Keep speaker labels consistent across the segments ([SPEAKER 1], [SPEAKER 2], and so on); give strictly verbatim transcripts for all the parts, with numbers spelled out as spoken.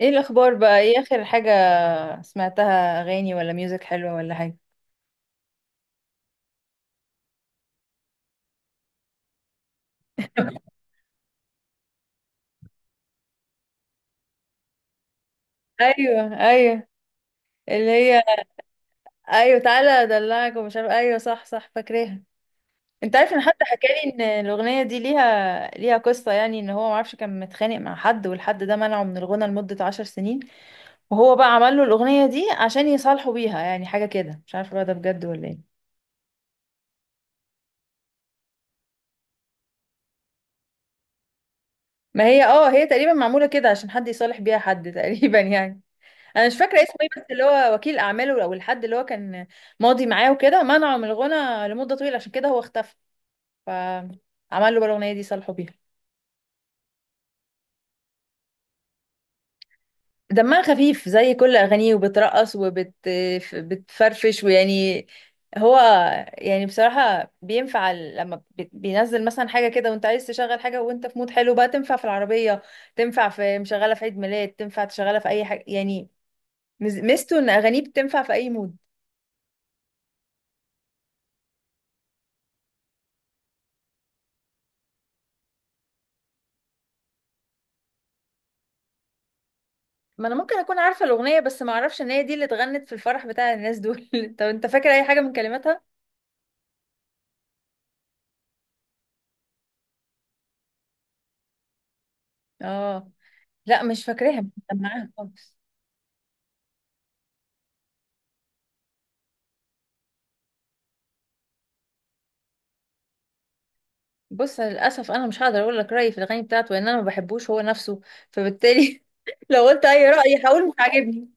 [SPEAKER 1] ايه الاخبار بقى، ايه اخر حاجة؟ سمعتها اغاني ولا ميوزك حلوة ولا حاجة؟ ايوه، ايوه. اللي هي، ايوه تعالى ادلعك ومش عارف، ايوه صح صح فاكراها. انت عارف ان حتى حكالي ان الاغنية دي ليها ليها قصة، يعني ان هو معرفش، كان متخانق مع حد والحد ده منعه من الغنى لمدة عشر سنين. وهو بقى عمل له الاغنية دي عشان يصالحوا بيها، يعني حاجة كده مش عارفة بقى ده بجد ولا ايه. ما هي اه هي تقريبا معمولة كده عشان حد يصالح بيها حد تقريبا يعني. انا مش فاكره اسمه ايه، بس اللي هو وكيل اعماله او الحد اللي هو كان ماضي معاه وكده منعه من الغنى لمده طويله، عشان كده هو اختفى، فعمل له بقى الاغنيه دي صالحه بيها. دمها خفيف زي كل اغانيه، وبترقص وبتفرفش ويعني هو، يعني بصراحه بينفع ال- لما بي- بينزل مثلا حاجه كده وانت عايز تشغل حاجه وانت في مود حلو، بقى تنفع في العربيه، تنفع في مشغله، في عيد ميلاد، تنفع تشغلها في اي حاجه يعني. مز- ميزته ان اغانيه بتنفع في اي مود. ما انا ممكن اكون عارفه الاغنيه، بس ما اعرفش ان هي دي اللي اتغنت في الفرح بتاع الناس دول طب انت فاكر اي حاجه من كلماتها؟ اه، لا مش فاكراها، مش مجمعاها خالص. بص للاسف انا مش هقدر اقول لك رايي في الاغاني بتاعته، لان انا ما بحبوش هو نفسه، فبالتالي لو قلت اي راي هقول مش عاجبني.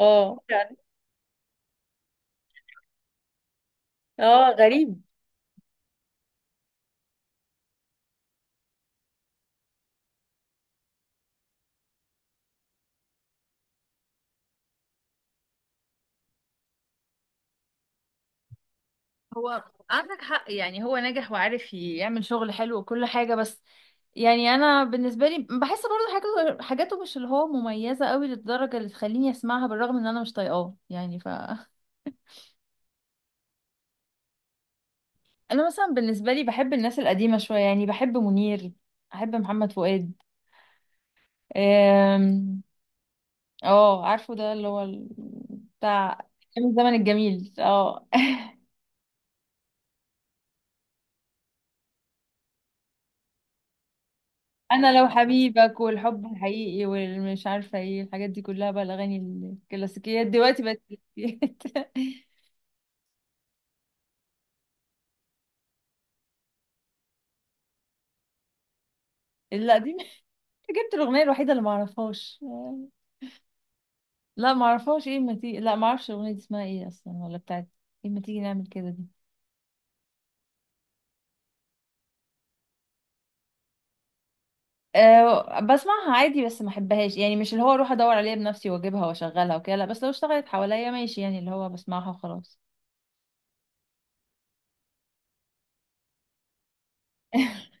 [SPEAKER 1] اه يعني. اه غريب. هو عندك حق، يعني هو نجح وعارف يعمل شغل حلو وكل حاجة، بس يعني انا بالنسبه لي بحس برضه حاجاته حاجاته مش اللي هو مميزه قوي للدرجه اللي تخليني اسمعها، بالرغم ان انا مش طايقاه يعني ف انا مثلا بالنسبه لي بحب الناس القديمه شويه، يعني بحب منير، احب محمد فؤاد. أم، اه، عارفه ده اللي هو ال- بتاع أيام الزمن الجميل، اه انا لو حبيبك والحب الحقيقي والمش عارفه ايه الحاجات دي كلها بقى، الاغاني الكلاسيكيات دلوقتي بقت كلاسيكيات لا دي جبت الاغنيه الوحيده اللي ما اعرفهاش. لا معرفهاش ايه ما تيجي، لا معرفش الاغنيه دي اسمها ايه اصلا ولا بتاعت ايه، ما تيجي نعمل كده دي. أه بسمعها عادي، بس ما احبهاش يعني، مش اللي هو اروح ادور عليها بنفسي واجيبها واشغلها وكده، لا، بس لو اشتغلت حواليا ماشي يعني، اللي هو بسمعها وخلاص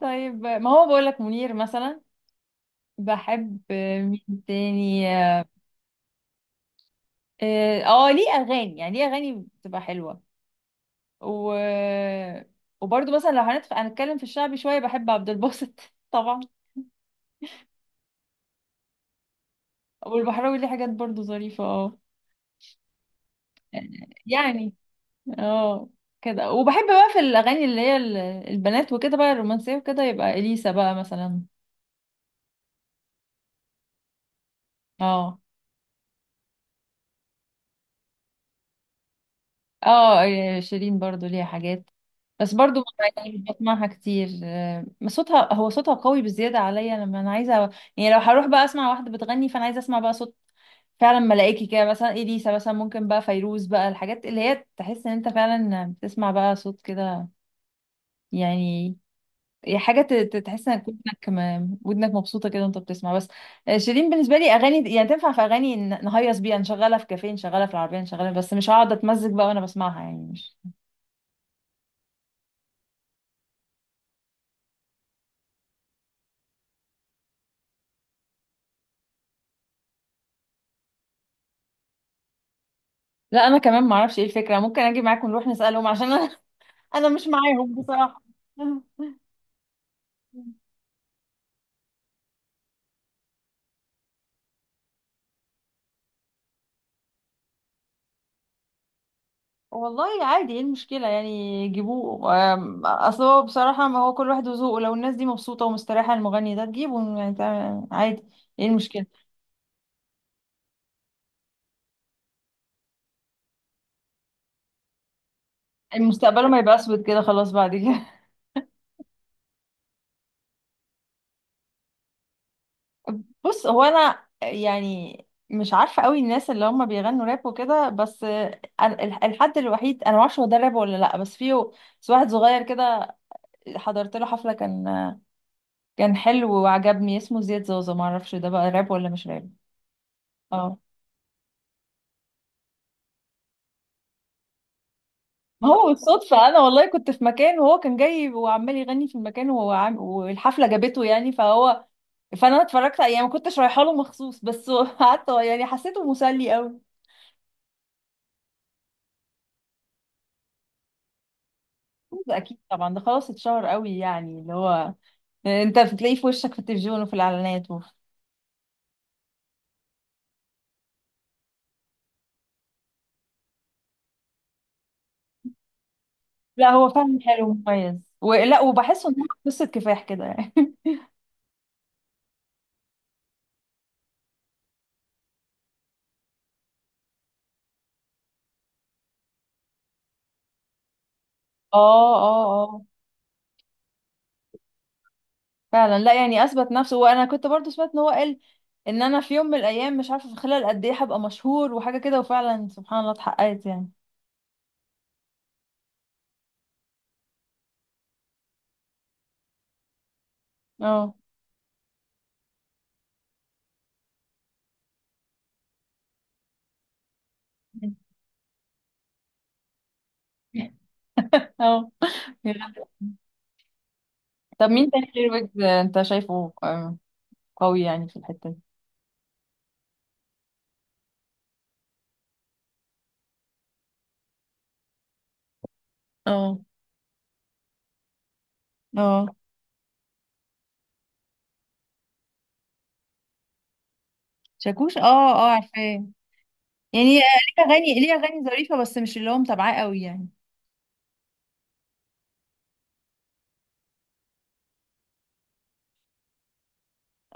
[SPEAKER 1] طيب ما هو بقول لك منير مثلا. بحب، آه، مين تاني اه. آه، ليه اغاني، يعني ليه اغاني بتبقى حلوه، و وبرضه مثلا لو هنتف- هنتكلم في الشعبي شويه، بحب عبد الباسط طبعا. والبحراوي ليه حاجات برضه ظريفه، اه يعني، اه كده، وبحب بقى في الاغاني اللي هي ال- البنات وكده، بقى الرومانسيه وكده، يبقى اليسا بقى مثلا. اه، اه، آه، شيرين برضو ليها حاجات، بس برضو ما- يعني مش بسمعها كتير. آه، صوتها، هو صوتها قوي بزياده عليا، لما انا عايزه يعني، لو هروح بقى اسمع واحده بتغني، فانا عايزه اسمع بقى صوت فعلا ملائكي كده، مثلا اليسا، مثلا ممكن بقى فيروز، بقى الحاجات اللي هي تحس ان انت فعلا بتسمع بقى صوت كده يعني. هي حاجة ت- ت- تحس انك ودنك م- ودنك مبسوطة كده وانت بتسمع بس. آه، شيرين بالنسبة لي اغاني، يعني تنفع في اغاني ن- نهيص بيها، نشغلها في كافيه، نشغلها في العربية، نشغلها، بس مش هقعد اتمزج بقى وانا بسمعها يعني، مش. لا، انا كمان ما اعرفش ايه الفكرة، ممكن اجي معاكم نروح نسألهم عشان انا انا مش معاهم بصراحة والله عادي، ايه المشكلة؟ يعني جيبوه. آم، اصل هو بصراحة، ما هو كل واحد وذوقه، لو الناس دي مبسوطة ومستريحة المغني ده تجيبه يعني، تع- عادي، ايه المشكلة؟ مستقبله ما يبقى اسود كده خلاص بعد كده. بص هو انا يعني مش عارفه قوي الناس اللي هم بيغنوا راب وكده، بس أنا- الح- الحد الوحيد انا ما اعرفش هو ده راب ولا لا، بس فيه، بس واحد صغير كده حضرت له حفله، كان كان حلو وعجبني، اسمه زياد زوزة، ما اعرفش ده بقى راب ولا مش راب. اه، ما هو بالصدفه، انا والله كنت في مكان وهو كان جاي وعمال يغني في المكان، وهو عام- والحفله جابته يعني، فهو فانا اتفرجت يعني، ما كنتش رايحه له مخصوص، بس قعدت يعني حسيته مسلي قوي. ده اكيد طبعا، ده خلاص اتشهر قوي يعني، اللي هو انت بتلاقيه في وشك في التلفزيون وفي الاعلانات وفي... لا هو فعلا حلو ومميز، ولا وبحسه ان هو قصه كفاح كده يعني اه، اه، اه فعلا، لا يعني اثبت نفسه، وانا كنت برضو سمعت ان هو قال ان انا في يوم من الايام، مش عارفه في خلال قد ايه، هبقى مشهور وحاجه كده، وفعلا سبحان الله اتحققت يعني. اه اه، طب مين تاني غير ويجز انت شايفه؟ آه، قوي يعني في الحته دي. اه، اه، شاكوش، اه، اه، عارفاه يعني، ليه اغاني ليه اغاني ظريفه، بس مش اللي هو متابعاه قوي يعني.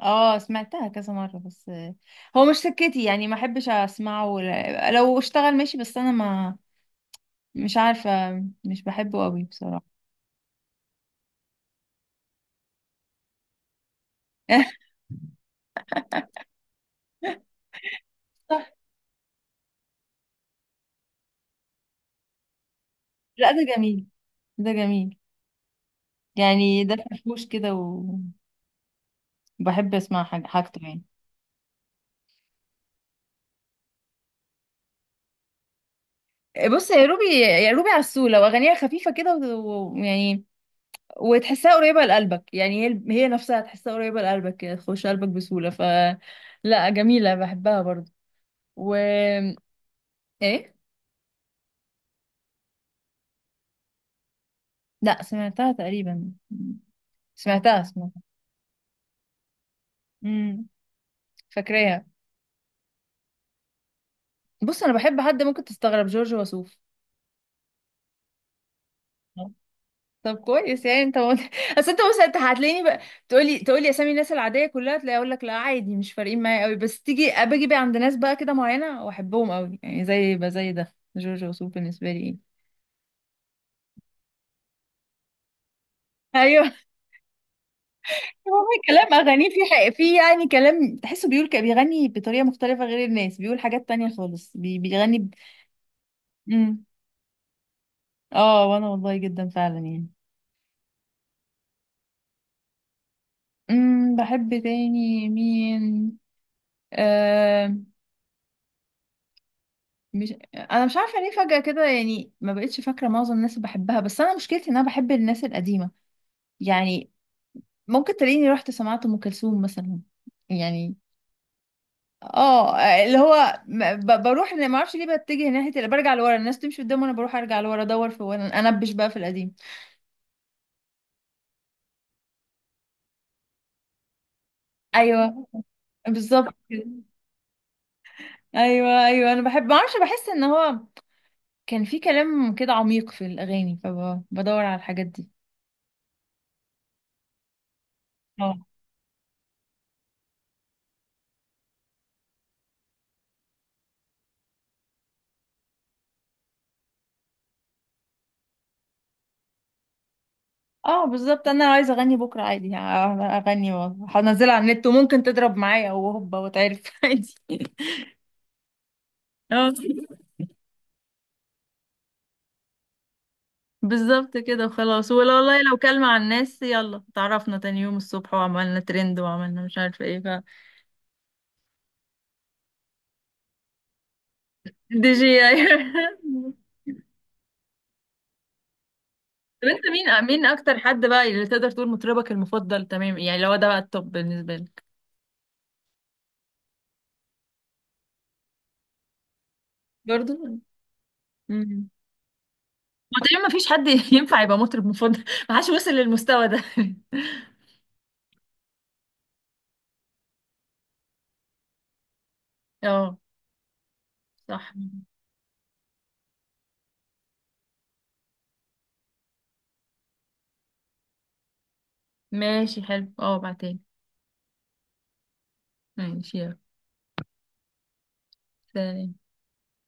[SPEAKER 1] اه سمعتها كذا مره، بس هو مش سكتي يعني، ما احبش اسمعه، ولا لو اشتغل ماشي، بس انا ما مش عارفه، مش بحبه قوي بصراحه. صح، لا ده جميل، ده جميل يعني، ده فرفوش كده، وبحب اسمع حاج- حاجته يعني. بص يا روبي، يا روبي عسول لو اغانيها خفيفه كده، ويعني وتحسها قريبة لقلبك، يعني هي هي نفسها تحسها قريبة لقلبك كده، تخش قلبك بسهولة، ف لا جميلة بحبها برضو، و ايه. لا سمعتها تقريبا، سمعتها سمعتها، امم فاكراها. بص انا بحب حد ممكن تستغرب، جورج وسوف. طب كويس يعني، انت مت... اصل انت، بص انت هتلاقيني بقى، تقولي تقولي اسامي الناس العاديه كلها، تلاقي اقول لك لا عادي مش فارقين معايا قوي، بس تيجي باجي بقى عند ناس بقى كده معينه واحبهم قوي يعني، زي بقى زي ده جورج وسوف بالنسبه لي. ايه، هو كلام اغانيه في حق، في يعني كلام تحسه بيقول ك- بيغني بطريقه مختلفه غير الناس، بيقول حاجات تانية خالص، بي بيغني ب... مم. اه، وانا والله جدا فعلا يعني. امم بحب تاني مين؟ آه مش انا مش عارفه ليه فجاه كده يعني، ما بقتش فاكره معظم الناس اللي بحبها، بس انا مشكلتي ان انا بحب الناس القديمه يعني، ممكن تلاقيني رحت سمعت ام كلثوم مثلا يعني. اه، اللي هو م- ب- بروح، انا ما اعرفش ليه، بتجه ناحيه اللي برجع لورا، الناس تمشي قدام وانا بروح ارجع لورا ادور في وانا انبش بقى في القديم. ايوه بالظبط كده، ايوه، ايوه، انا بحب ما اعرفش، بحس ان هو كان في كلام كده عميق في الاغاني، فبدور على الحاجات دي. اه، اه بالظبط، انا لو عايزه اغني بكره عادي، ه- اغني وهنزلها على النت، وممكن تضرب معايا وهوبا وتعرف عادي. اه بالظبط كده وخلاص، ولا والله لو كلمة على الناس يلا تعرفنا تاني يوم الصبح وعملنا ترند وعملنا مش عارفة ايه ف. دي جي أيوة. طب انت مين مين اكتر حد بقى اللي تقدر تقول مطربك المفضل، تمام؟ يعني لو ده بقى التوب بالنسبة لك. برضو امم هو تقريبا مفيش حد ينفع يبقى مطرب مفضل ما حدش وصل للمستوى ده. اه صح، ماشي حلو، اه بعدين، ماشي يلا، سلام.